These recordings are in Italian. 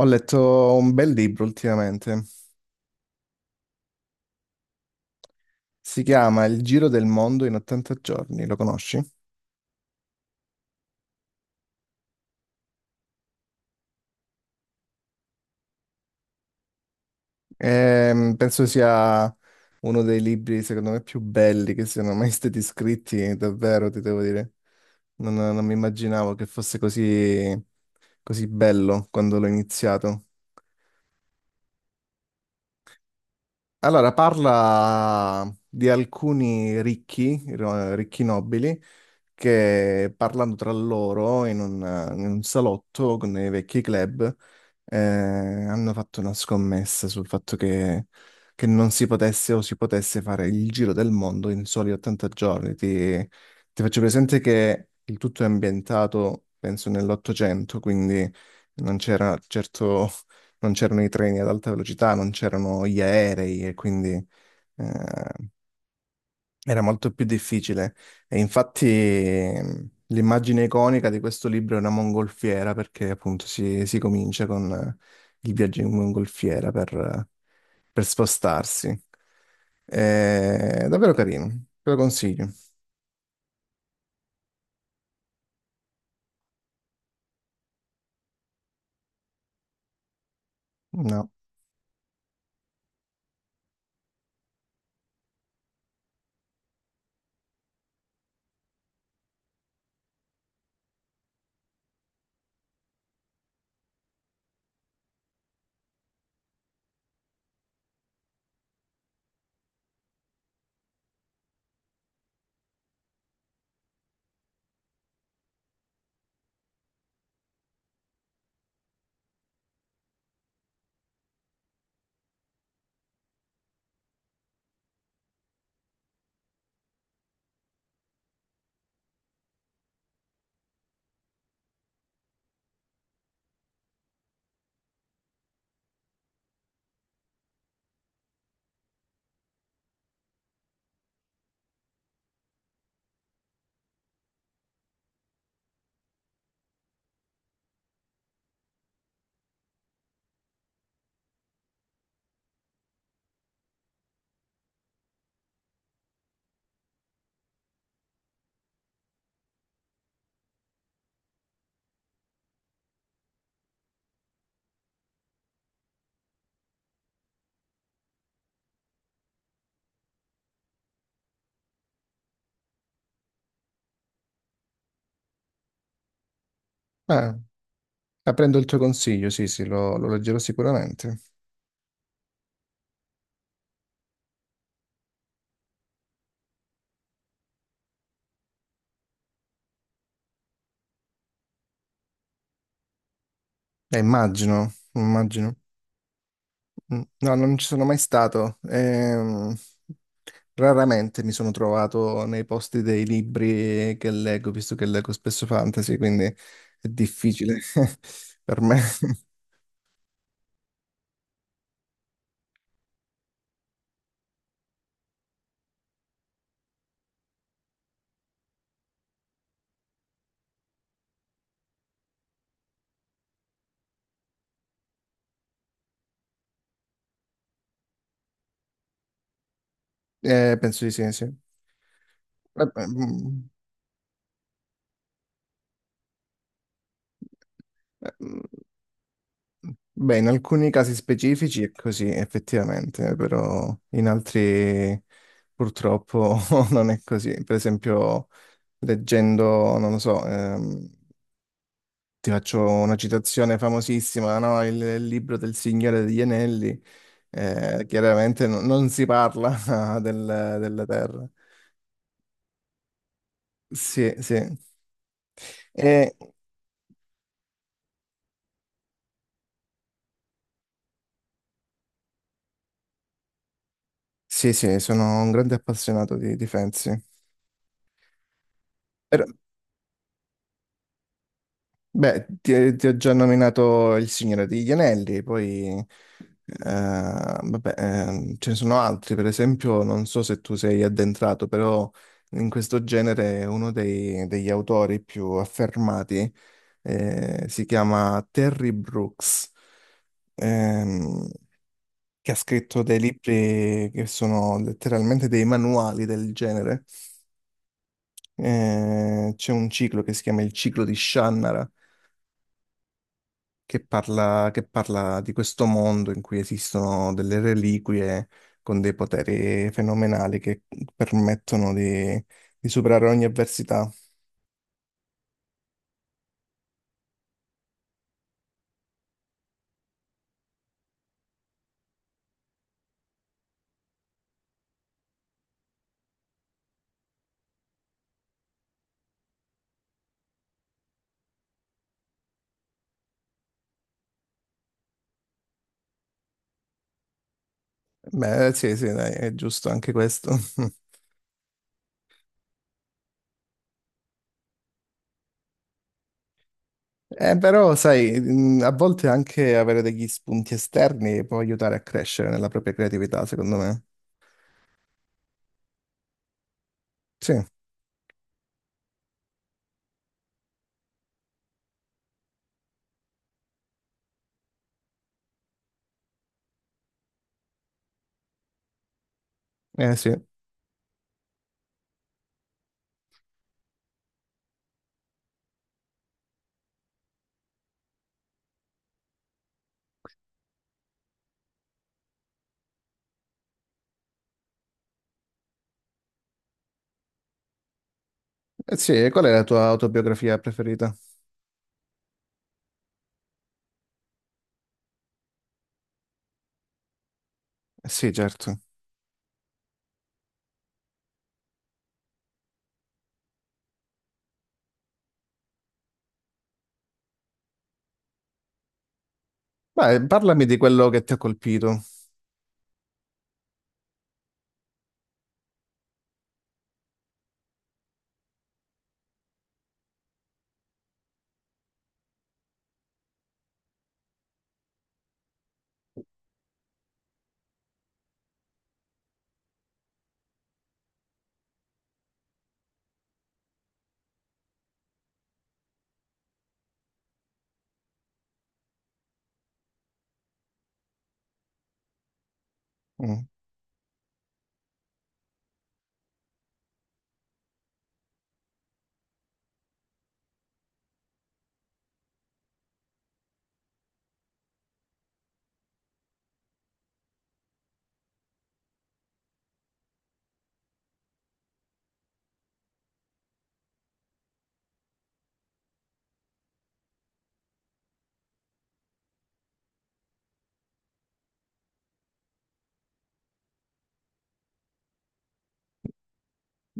Ho letto un bel libro ultimamente, si chiama Il giro del mondo in 80 giorni, lo conosci? Penso sia uno dei libri, secondo me, più belli che siano mai stati scritti, davvero, ti devo dire. Non mi immaginavo che fosse così, così bello quando l'ho iniziato. Allora, parla di alcuni ricchi, ricchi nobili, che parlando tra loro in un salotto con dei vecchi club hanno fatto una scommessa sul fatto che non si potesse o si potesse fare il giro del mondo in soli 80 giorni. Ti faccio presente che il tutto è ambientato, penso, nell'Ottocento, quindi non c'era certo, non c'erano i treni ad alta velocità, non c'erano gli aerei e quindi... eh, era molto più difficile e infatti l'immagine iconica di questo libro è una mongolfiera perché appunto si comincia con il viaggio in mongolfiera per spostarsi. È davvero carino, te lo consiglio. No. Eh, prendo il tuo consiglio, sì, sì, lo leggerò sicuramente. Immagino, immagino. Mm, no, non ci sono mai stato. Raramente mi sono trovato nei posti dei libri che leggo, visto che leggo spesso fantasy, quindi è difficile per me. Penso di sì, sì. Beh, mm, eh, mm, Beh, in alcuni casi specifici è così, effettivamente, però in altri purtroppo non è così. Per esempio, leggendo, non lo so, ti faccio una citazione famosissima, no? Il libro del Signore degli Anelli, chiaramente non si parla della Terra. Sì, sì. E- sì, sì, sono un grande appassionato di Fantasy. Però, beh, ti ho già nominato il Signore degli Anelli, poi ce ne sono altri, per esempio, non so se tu sei addentrato, però in questo genere è uno degli autori più affermati si chiama Terry Brooks, ehm, che ha scritto dei libri che sono letteralmente dei manuali del genere. C'è un ciclo che si chiama Il ciclo di Shannara, che parla di questo mondo in cui esistono delle reliquie con dei poteri fenomenali che permettono di superare ogni avversità. Beh, sì, sì, dai, è giusto anche questo. Però, sai, a volte anche avere degli spunti esterni può aiutare a crescere nella propria creatività, secondo me. Sì, eh sì. Eh sì, e qual è la tua autobiografia preferita? Eh sì, certo. Beh, parlami di quello che ti ha colpito. Mhm.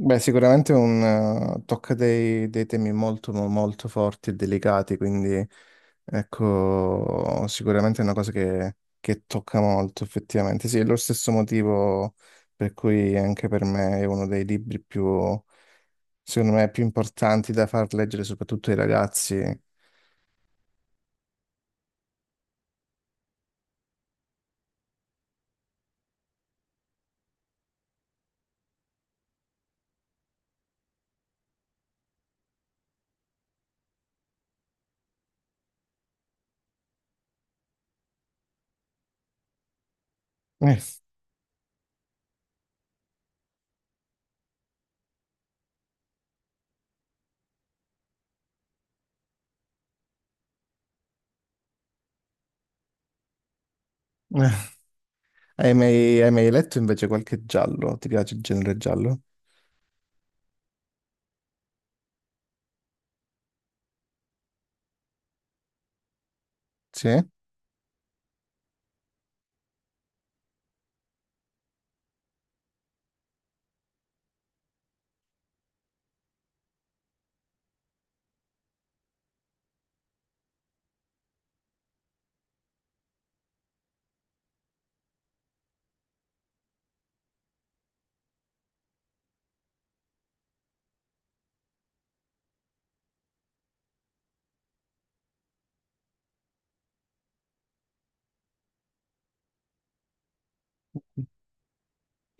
Beh, sicuramente un, tocca dei, dei temi molto, molto forti e delicati, quindi ecco, sicuramente è una cosa che tocca molto, effettivamente. Sì, è lo stesso motivo per cui anche per me è uno dei libri più, secondo me, più importanti da far leggere soprattutto ai ragazzi. Eh, eh. Hai mai letto invece qualche giallo? Ti piace il genere giallo? Sì?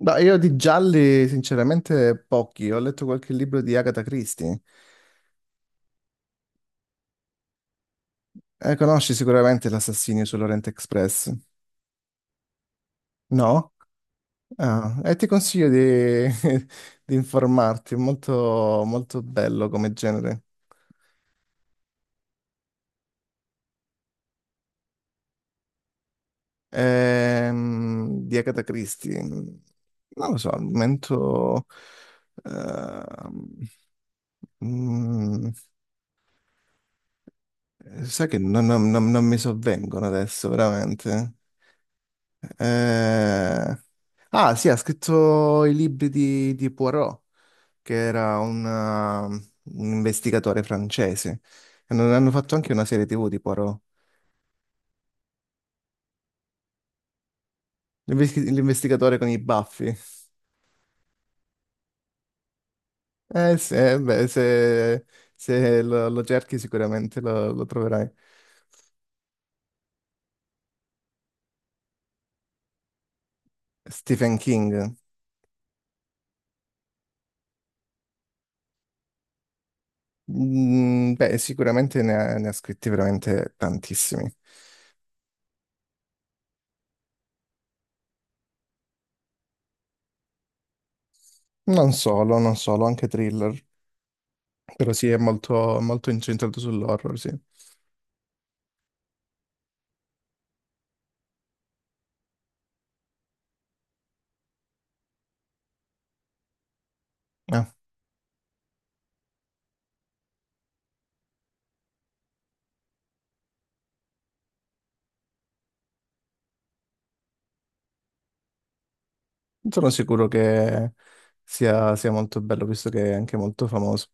Ma io di gialli, sinceramente, pochi. Ho letto qualche libro di Agatha Christie. Conosci sicuramente L'assassinio sull'Orient Express? No? Ah, e ti consiglio di, di informarti, è molto, molto bello come genere. Di Agatha Christie. Non lo so, al momento... ehm, mm, sai che non, non mi sovvengono adesso, veramente. Eh, Ah, sì, ha scritto i libri di Poirot, che era un investigatore francese. Hanno, hanno fatto anche una serie TV di Poirot. L'investigatore con i baffi. Eh sì, beh, se, se lo, lo cerchi sicuramente lo, lo troverai. Stephen King. Mm, beh, sicuramente ne ha, ne ha scritti veramente tantissimi. Non solo, non solo, anche thriller. Però sì, è molto, molto incentrato sull'horror, sì. Sono sicuro che sia, sia molto bello, visto che è anche molto famoso.